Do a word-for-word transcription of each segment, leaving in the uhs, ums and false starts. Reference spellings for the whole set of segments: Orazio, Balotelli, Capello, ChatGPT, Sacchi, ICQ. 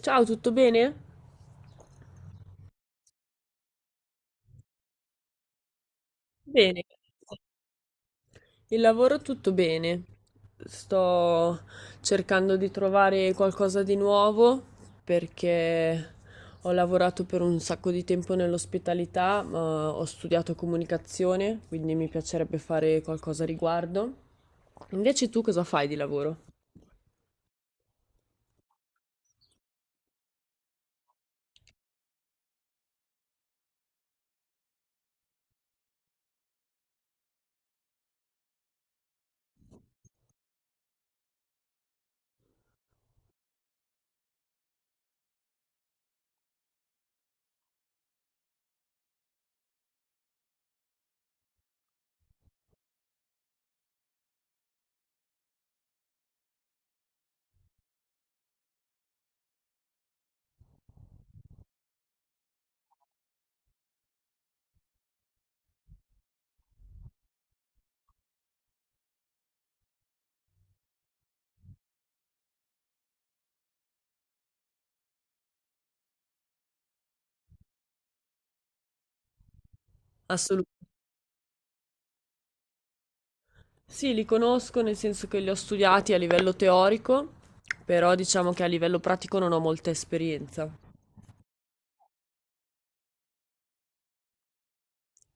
Ciao, tutto bene? Bene, grazie. Il lavoro tutto bene. Sto cercando di trovare qualcosa di nuovo perché ho lavorato per un sacco di tempo nell'ospitalità, ma ho studiato comunicazione, quindi mi piacerebbe fare qualcosa a riguardo. Invece tu cosa fai di lavoro? Assolutamente. Sì, li conosco nel senso che li ho studiati a livello teorico, però diciamo che a livello pratico non ho molta esperienza.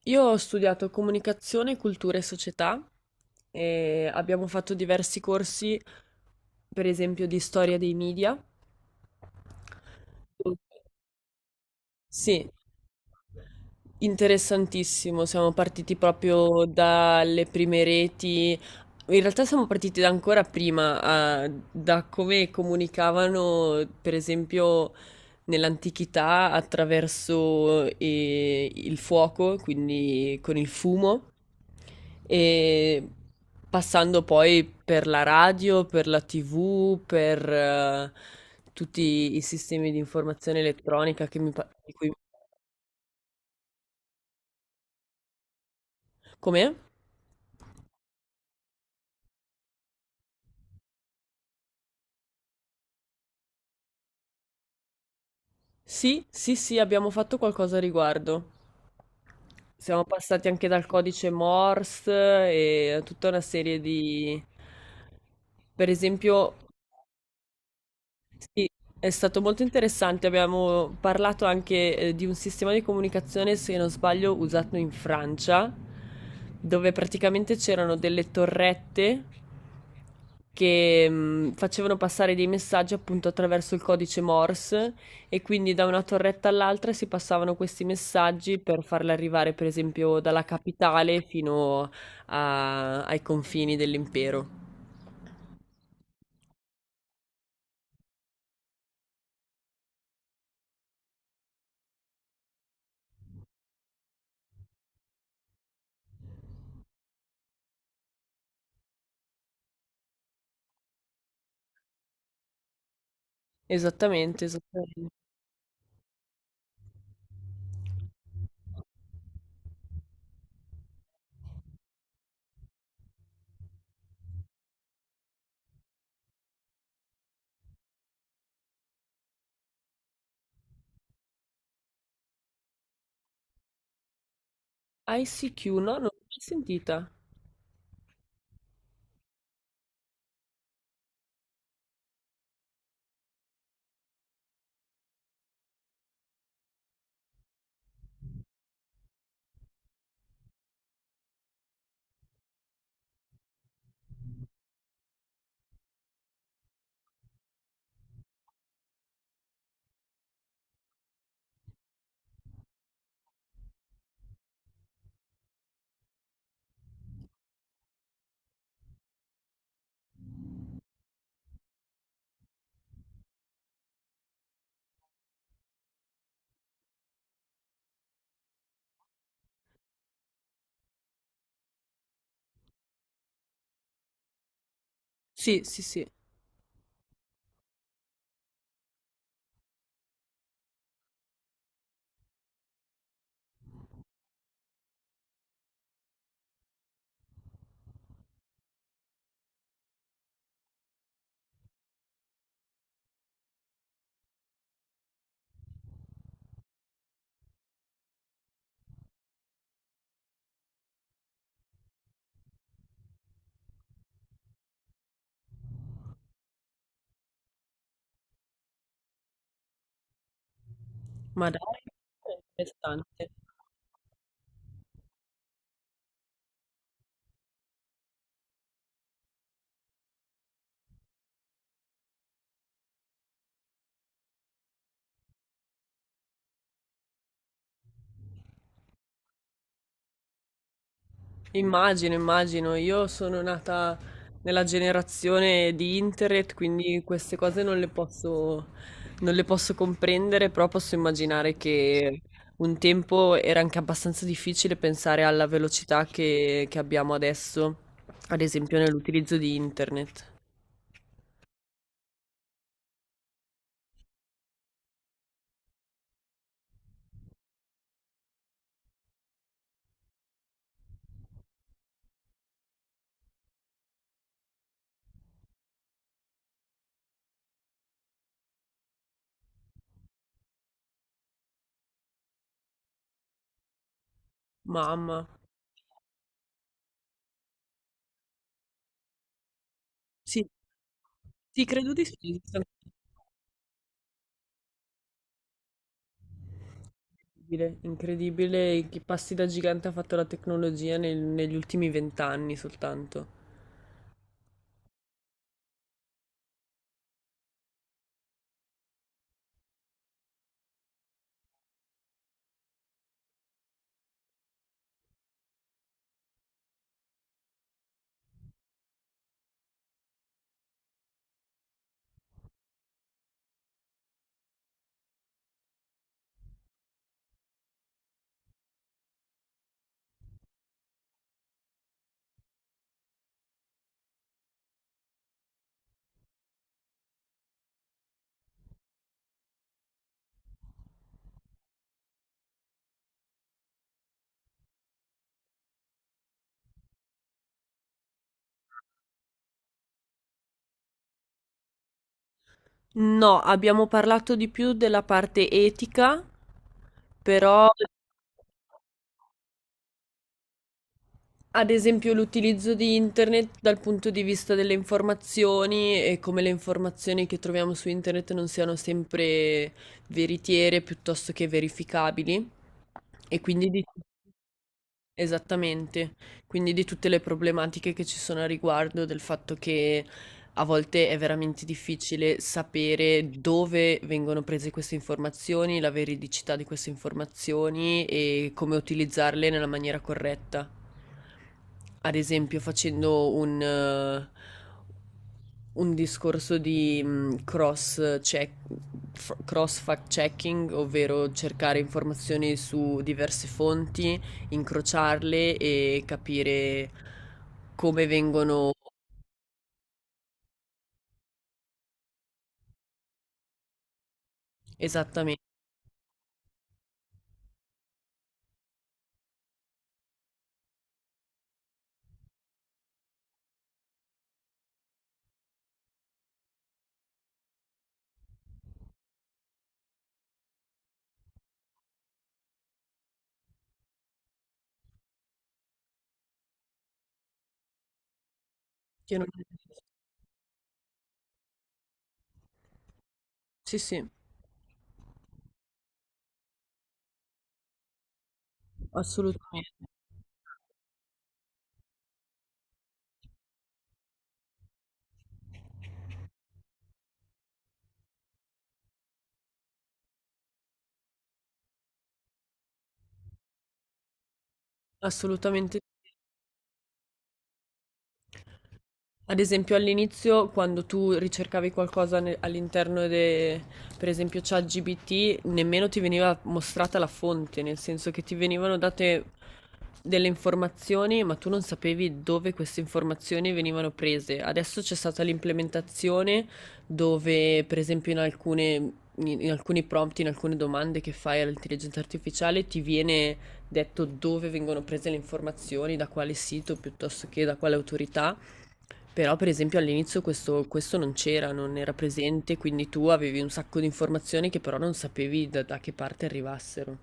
Io ho studiato comunicazione, cultura e società e abbiamo fatto diversi corsi, per esempio di storia dei media. Sì, interessantissimo. Siamo partiti proprio dalle prime reti. In realtà siamo partiti da ancora prima, ah, da come comunicavano, per esempio, nell'antichità attraverso eh, il fuoco, quindi con il fumo, e passando poi per la radio, per la T V, per eh, tutti i sistemi di informazione elettronica che mi pa- di cui... Com'è? Sì, sì, sì, abbiamo fatto qualcosa a riguardo. Siamo passati anche dal codice Morse e a tutta una serie di... Per esempio, sì, è stato molto interessante. Abbiamo parlato anche, eh, di un sistema di comunicazione, se non sbaglio, usato in Francia, dove praticamente c'erano delle torrette che mh, facevano passare dei messaggi appunto attraverso il codice Morse e quindi da una torretta all'altra si passavano questi messaggi per farli arrivare, per esempio, dalla capitale fino a- ai confini dell'impero. Esattamente, esattamente. I C Q, no, non l'ho mai sentita. Sì, sì, sì, ma dai, è interessante. Immagino, immagino, io sono nata nella generazione di internet, quindi queste cose non le posso, non le posso comprendere, però posso immaginare che un tempo era anche abbastanza difficile pensare alla velocità che, che abbiamo adesso, ad esempio nell'utilizzo di internet. Mamma, sì, sì, credo di sì. Incredibile, incredibile che passi da gigante ha fatto la tecnologia nel- negli ultimi vent'anni soltanto. No, abbiamo parlato di più della parte etica, però ad esempio l'utilizzo di internet dal punto di vista delle informazioni e come le informazioni che troviamo su internet non siano sempre veritiere piuttosto che verificabili e quindi di esattamente. Quindi di tutte le problematiche che ci sono a riguardo, del fatto che a volte è veramente difficile sapere dove vengono prese queste informazioni, la veridicità di queste informazioni e come utilizzarle nella maniera corretta. Ad esempio, facendo un, eh, un discorso di mh, cross check, f- cross fact checking, ovvero cercare informazioni su diverse fonti, incrociarle e capire come vengono esattamente. Io non. Sì, sì, assolutamente. Assolutamente ad esempio, all'inizio, quando tu ricercavi qualcosa ne- all'interno de, per esempio, ChatGPT, nemmeno ti veniva mostrata la fonte, nel senso che ti venivano date delle informazioni, ma tu non sapevi dove queste informazioni venivano prese. Adesso c'è stata l'implementazione dove, per esempio, in alcune- in in alcuni prompt, in alcune domande che fai all'intelligenza artificiale, ti viene detto dove vengono prese le informazioni, da quale sito piuttosto che da quale autorità. Però per esempio all'inizio questo questo non c'era, non era presente, quindi tu avevi un sacco di informazioni che però non sapevi da da che parte arrivassero.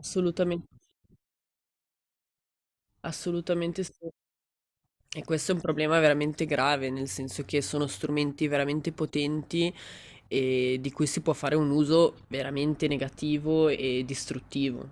Assolutamen assolutamente sì. E questo è un problema veramente grave, nel senso che sono strumenti veramente potenti, ehm, di cui si può fare un uso veramente negativo e distruttivo.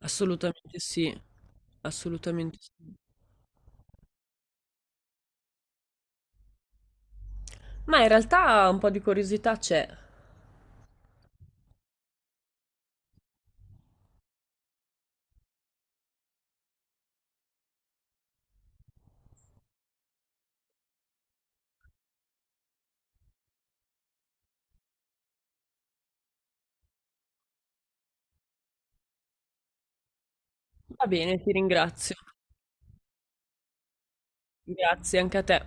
Assolutamente sì, assolutamente sì. Ma in realtà un po' di curiosità c'è. Va bene, ti ringrazio. Grazie anche a te.